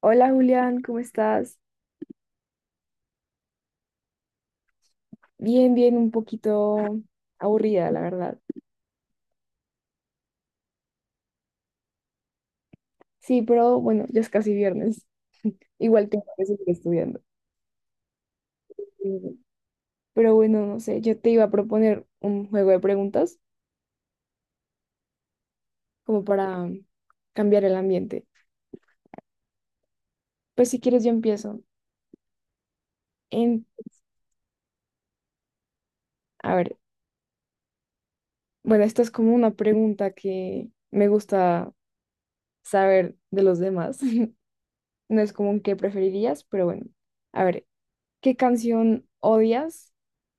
Hola Julián, ¿cómo estás? Bien, bien, un poquito aburrida, la verdad. Sí, pero bueno, ya es casi viernes. Igual tengo que seguir estudiando. Mm, Pero bueno, no sé, yo te iba a proponer un juego de preguntas como para cambiar el ambiente. Pues si quieres yo empiezo. En, a ver, bueno, esta es como una pregunta que me gusta saber de los demás. No es como un qué preferirías, pero bueno. A ver, ¿qué canción odias,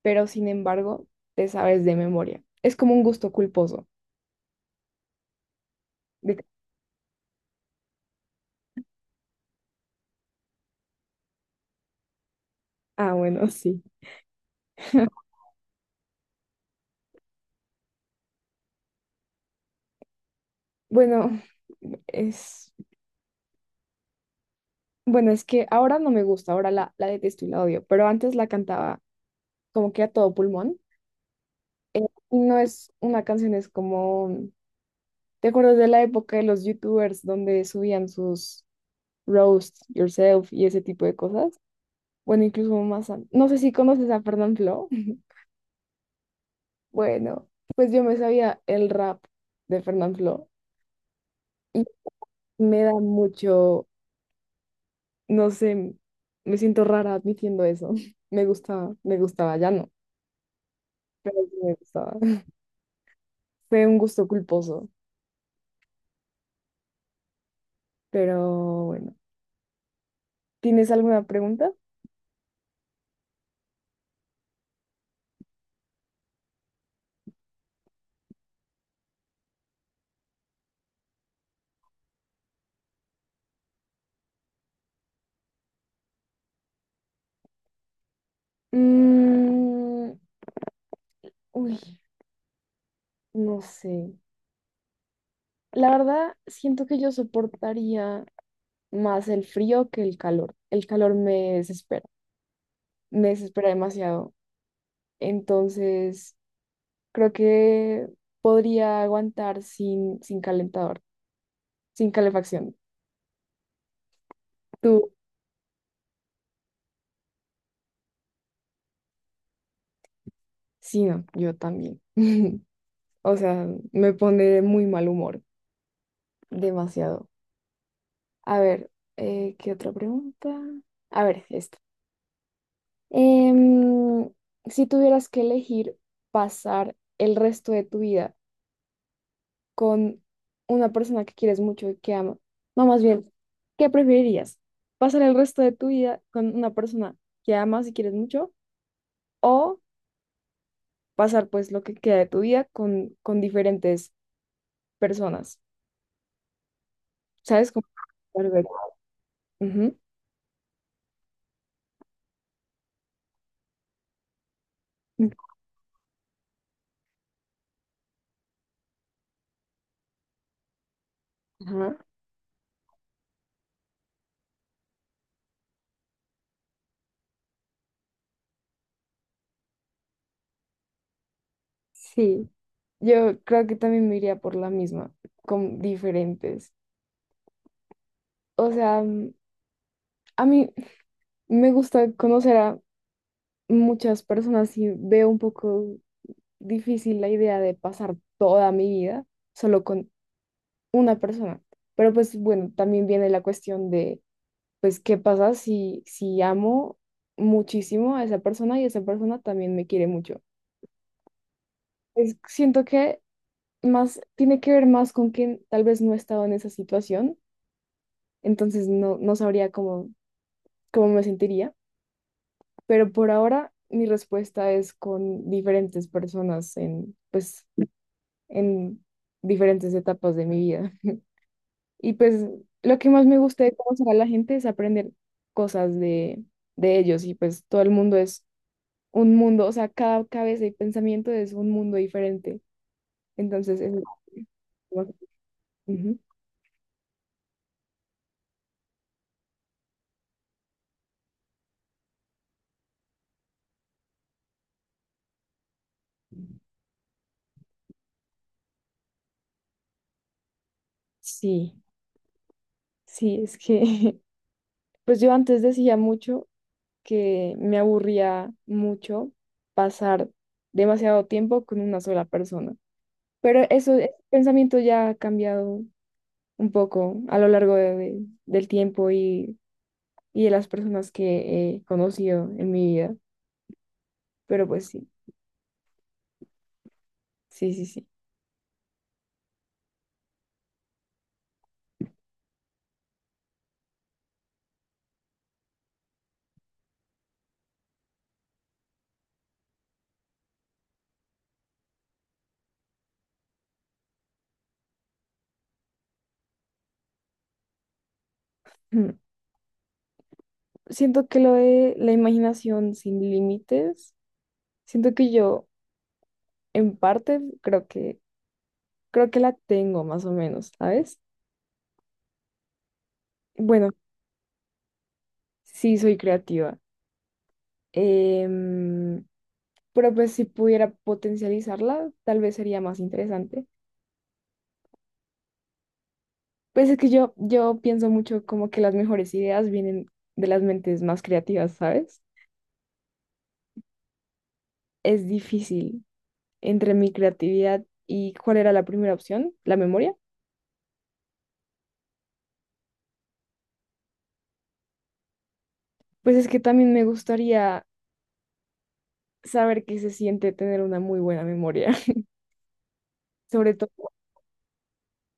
pero sin embargo te sabes de memoria? Es como un gusto culposo. De- Ah, bueno, sí. Bueno, es, bueno, es que ahora no me gusta, ahora la detesto y la odio, pero antes la cantaba como que a todo pulmón. No es una canción, es como, ¿te acuerdas de la época de los youtubers donde subían sus roast yourself y ese tipo de cosas? Bueno, incluso más, no sé si conoces a Fernanfloo. Bueno, pues yo me sabía el rap de Fernanfloo y me da mucho, no sé, me siento rara admitiendo eso. Me gustaba, ya no, pero sí me gustaba. Fue un gusto culposo, pero bueno. ¿Tienes alguna pregunta? Mm, uy, no sé. La verdad, siento que yo soportaría más el frío que el calor. El calor me desespera demasiado. Entonces. Creo que podría aguantar sin calentador, sin calefacción. Tú, sí, no, yo también. O sea, me pone de muy mal humor, demasiado. A ver, ¿qué otra pregunta? A ver, esta. Em, si tuvieras que elegir pasar el resto de tu vida con una persona que quieres mucho y que ama, no, más bien, ¿qué preferirías? ¿Pasar el resto de tu vida con una persona que amas y quieres mucho, o pasar pues lo que queda de tu vida con diferentes personas, ¿sabes? Como. Perfecto. Ujú. Ajá, sí, yo creo que también me iría por la misma, con diferentes. O sea, a mí me gusta conocer a muchas personas y veo un poco difícil la idea de pasar toda mi vida solo con una persona. Pero pues bueno, también viene la cuestión de pues, ¿qué pasa si amo muchísimo a esa persona y esa persona también me quiere mucho? Pues siento que más tiene que ver más con que tal vez no he estado en esa situación, entonces no, no sabría cómo, me sentiría, pero por ahora mi respuesta es con diferentes personas en diferentes etapas de mi vida. Y pues lo que más me gusta de conocer a la gente es aprender cosas de ellos y pues todo el mundo es un mundo, o sea, cada cabeza y pensamiento es un mundo diferente. Entonces, como- Ujú. Sí, sí, es que, pues yo antes decía mucho que me aburría mucho pasar demasiado tiempo con una sola persona, pero eso, ese pensamiento ya ha cambiado un poco a lo largo del tiempo y de las personas que he conocido en mi vida, pero pues sí, sí, sí, sí. Siento que lo de la imaginación sin límites, siento que yo en parte creo que la tengo más o menos, ¿sabes? Bueno, sí soy creativa. em, pero pues si pudiera potencializarla, tal vez sería más interesante. Pues es que yo pienso mucho como que las mejores ideas vienen de las mentes más creativas, ¿sabes? Es difícil entre mi creatividad y cuál era la primera opción, la memoria. Pues es que también me gustaría saber qué se siente tener una muy buena memoria. Sobre todo,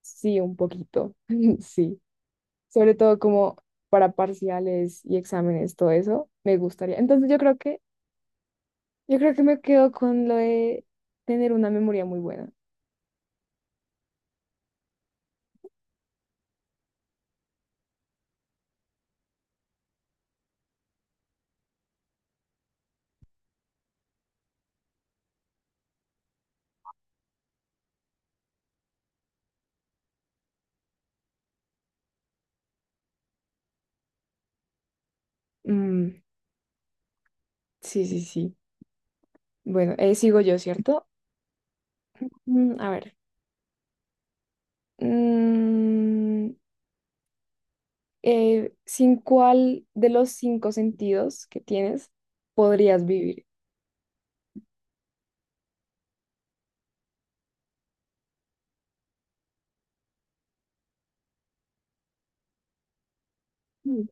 sí, un poquito, sí. Sobre todo como para parciales y exámenes, todo eso, me gustaría. Entonces yo creo que me quedo con lo de tener una memoria muy buena. Mm, sí, sí, sí. Bueno, sigo yo, ¿cierto? A ver. Mm, ¿sin cuál de los cinco sentidos que tienes podrías vivir? Mm.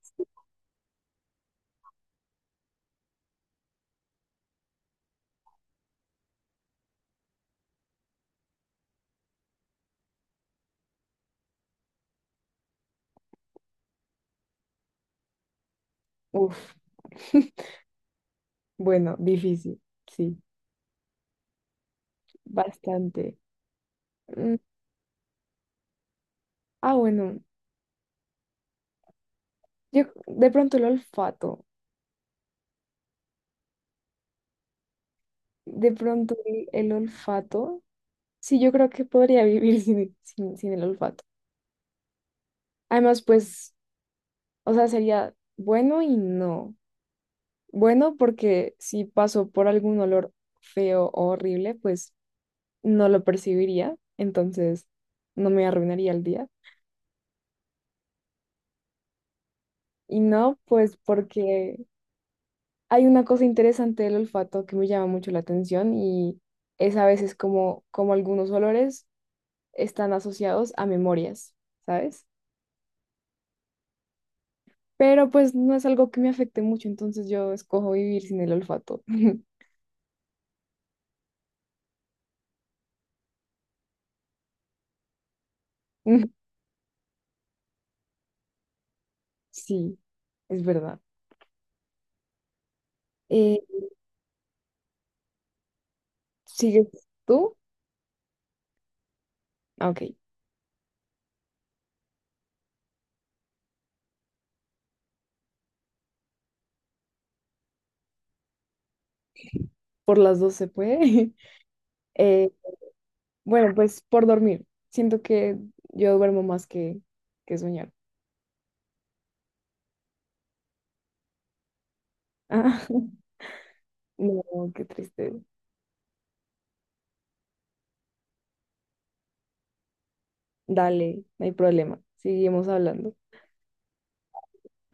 Uf. Bueno, difícil, sí, bastante. Mm, Ah, bueno, yo de pronto el olfato, de pronto el olfato, sí, yo creo que podría vivir sin el olfato. Además, pues, o sea, sería bueno y no. Bueno, porque si paso por algún olor feo o horrible, pues no lo percibiría, entonces no me arruinaría el día. Y no, pues porque hay una cosa interesante del olfato que me llama mucho la atención y es a veces como algunos olores están asociados a memorias, ¿sabes? Pero pues no es algo que me afecte mucho, entonces yo escojo vivir sin el olfato. Sí, es verdad. Eh, ¿sigues tú? Ah, Ok, por las dos se puede. Eh, bueno, pues por dormir. Siento que yo duermo más que soñar. Ah, no, qué triste. Dale, no hay problema. Seguimos hablando.